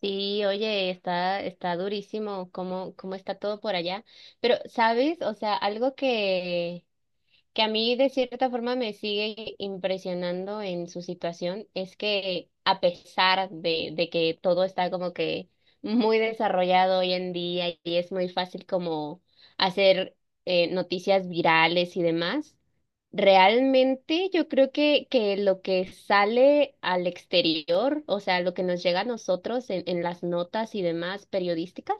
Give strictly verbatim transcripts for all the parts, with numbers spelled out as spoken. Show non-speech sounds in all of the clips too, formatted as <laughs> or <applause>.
Sí, oye, está, está durísimo cómo, cómo está todo por allá. Pero, ¿sabes? O sea, algo que, que a mí de cierta forma me sigue impresionando en su situación es que a pesar de, de que todo está como que muy desarrollado hoy en día y es muy fácil como hacer eh, noticias virales y demás, realmente yo creo que, que lo que sale al exterior, o sea, lo que nos llega a nosotros en, en las notas y demás periodísticas,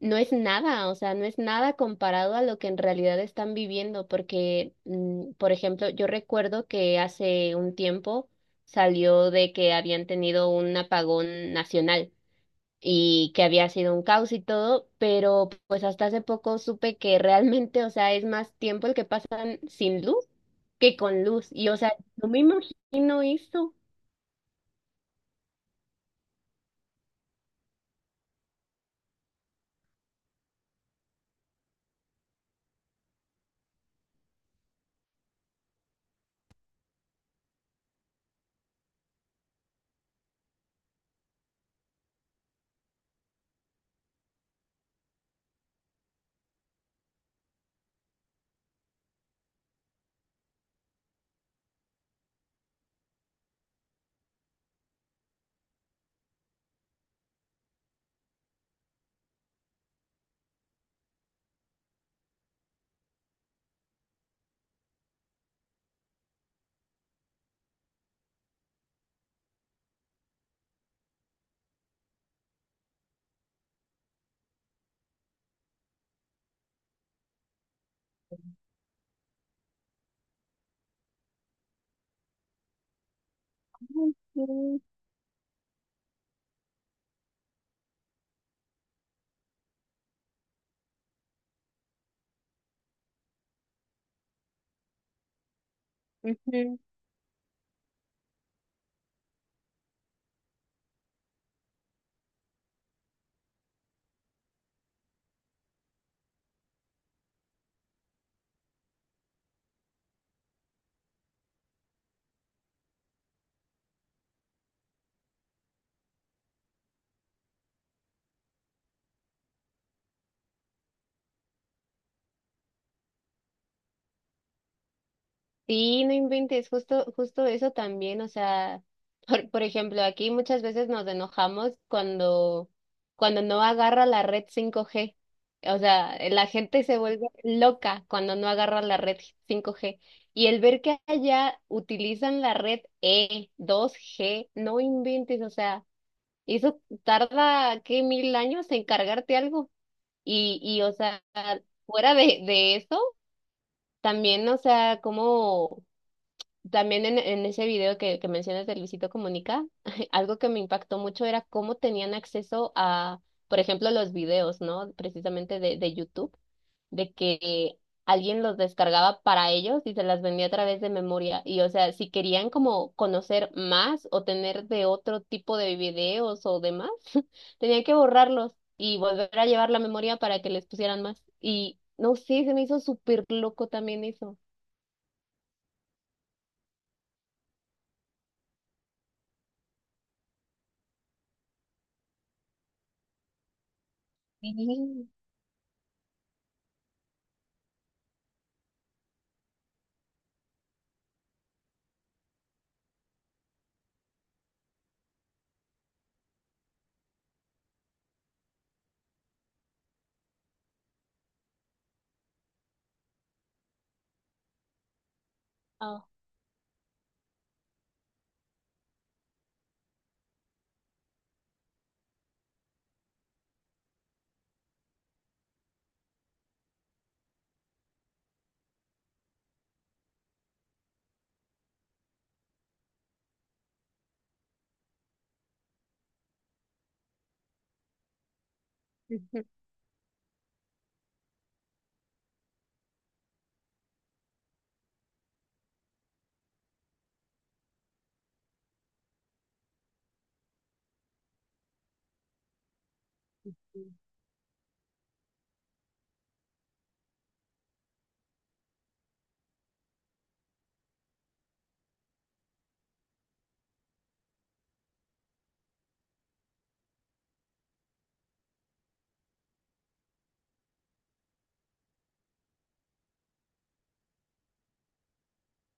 no es nada, o sea, no es nada comparado a lo que en realidad están viviendo, porque, mm, por ejemplo, yo recuerdo que hace un tiempo salió de que habían tenido un apagón nacional y que había sido un caos y todo, pero pues hasta hace poco supe que realmente, o sea, es más tiempo el que pasan sin luz que con luz, y o sea, no me imagino eso. Ay, sí. Ujú. Sí, no inventes, justo, justo eso también, o sea, <laughs> por, por ejemplo, aquí muchas veces nos enojamos cuando, cuando no agarra la red cinco G. O sea, la gente se vuelve loca cuando no agarra la red cinco G. Y el ver que allá utilizan la red E, dos G, no inventes, o sea, eso tarda, ¿qué, mil años en cargarte algo? Y, y o sea, fuera de, de eso, también, o sea, como también en, en ese video que, que mencionas de Luisito Comunica, <laughs> algo que me impactó mucho era cómo tenían acceso a, por ejemplo, los videos, ¿no? Precisamente de, de YouTube, de que alguien los descargaba para ellos y se las vendía a través de memoria. Y o sea, si querían como conocer más o tener de otro tipo de videos o demás, <laughs> tenían que borrarlos y volver a llevar la memoria para que les pusieran más. Y no sé, se me hizo súper loco también eso. Sí. Ah. <laughs>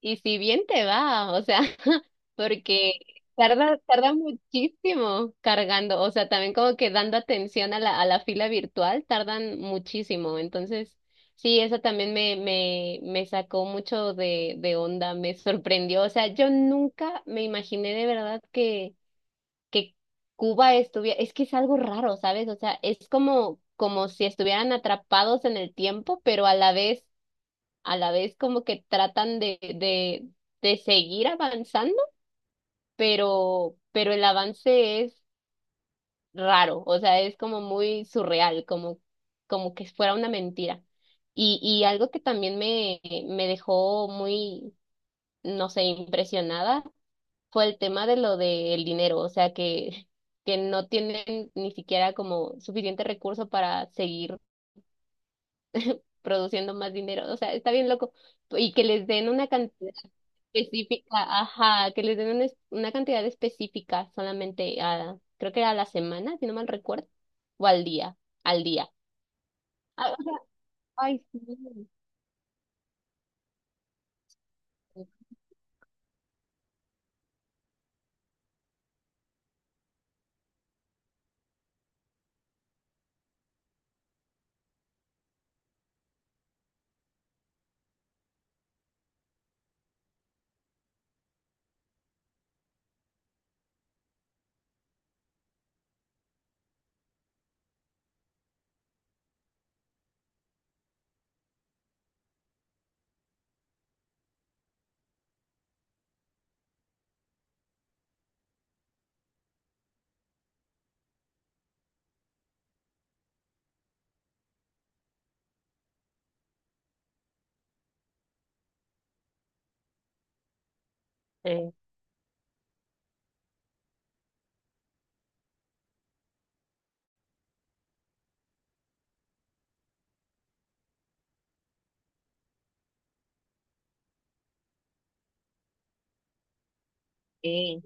Y si bien te va, o sea, <laughs> porque tarda, tarda muchísimo cargando, o sea, también como que dando atención a la, a la fila virtual, tardan muchísimo. Entonces, sí, eso también me, me, me sacó mucho de, de onda, me sorprendió. O sea, yo nunca me imaginé de verdad que, que Cuba estuviera, es que es algo raro, ¿sabes? O sea, es como, como si estuvieran atrapados en el tiempo, pero a la vez a la vez como que tratan de, de, de seguir avanzando, pero, pero el avance es raro, o sea, es como muy surreal, como, como que fuera una mentira. Y, y algo que también me, me dejó muy, no sé, impresionada fue el tema de lo del dinero, o sea, que, que no tienen ni siquiera como suficiente recurso para seguir produciendo más dinero, o sea, está bien loco, y que les den una cantidad específica, ajá, que les den una, es- una cantidad específica solamente a, creo que a la semana, si no mal recuerdo, o al día, al día. Ah, o sea, ay, sí. Sí, sí,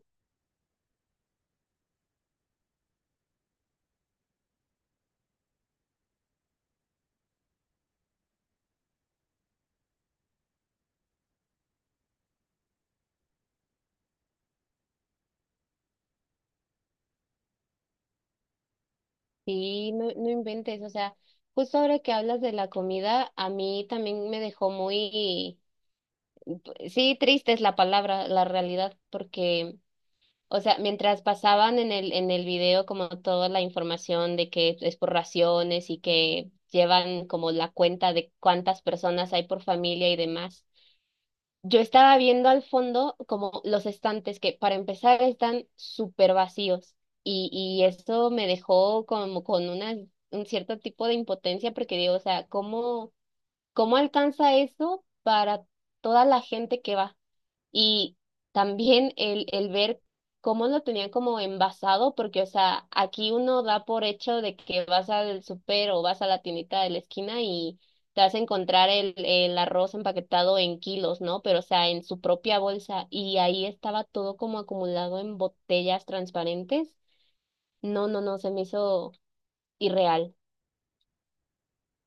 sí, no, no inventes, o sea, justo ahora que hablas de la comida, a mí también me dejó muy, sí, triste es la palabra, la realidad, porque o sea, mientras pasaban en el, en el video como toda la información de que es por raciones y que llevan como la cuenta de cuántas personas hay por familia y demás, yo estaba viendo al fondo como los estantes que para empezar están súper vacíos y, y eso me dejó como con una, un cierto tipo de impotencia porque digo, o sea, ¿cómo, cómo alcanza eso para toda la gente que va? Y también el, el ver cómo lo tenían como envasado, porque, o sea, aquí uno da por hecho de que vas al súper o vas a la tiendita de la esquina y te vas a encontrar el, el arroz empaquetado en kilos, ¿no? Pero, o sea, en su propia bolsa. Y ahí estaba todo como acumulado en botellas transparentes. No, no, no, se me hizo irreal.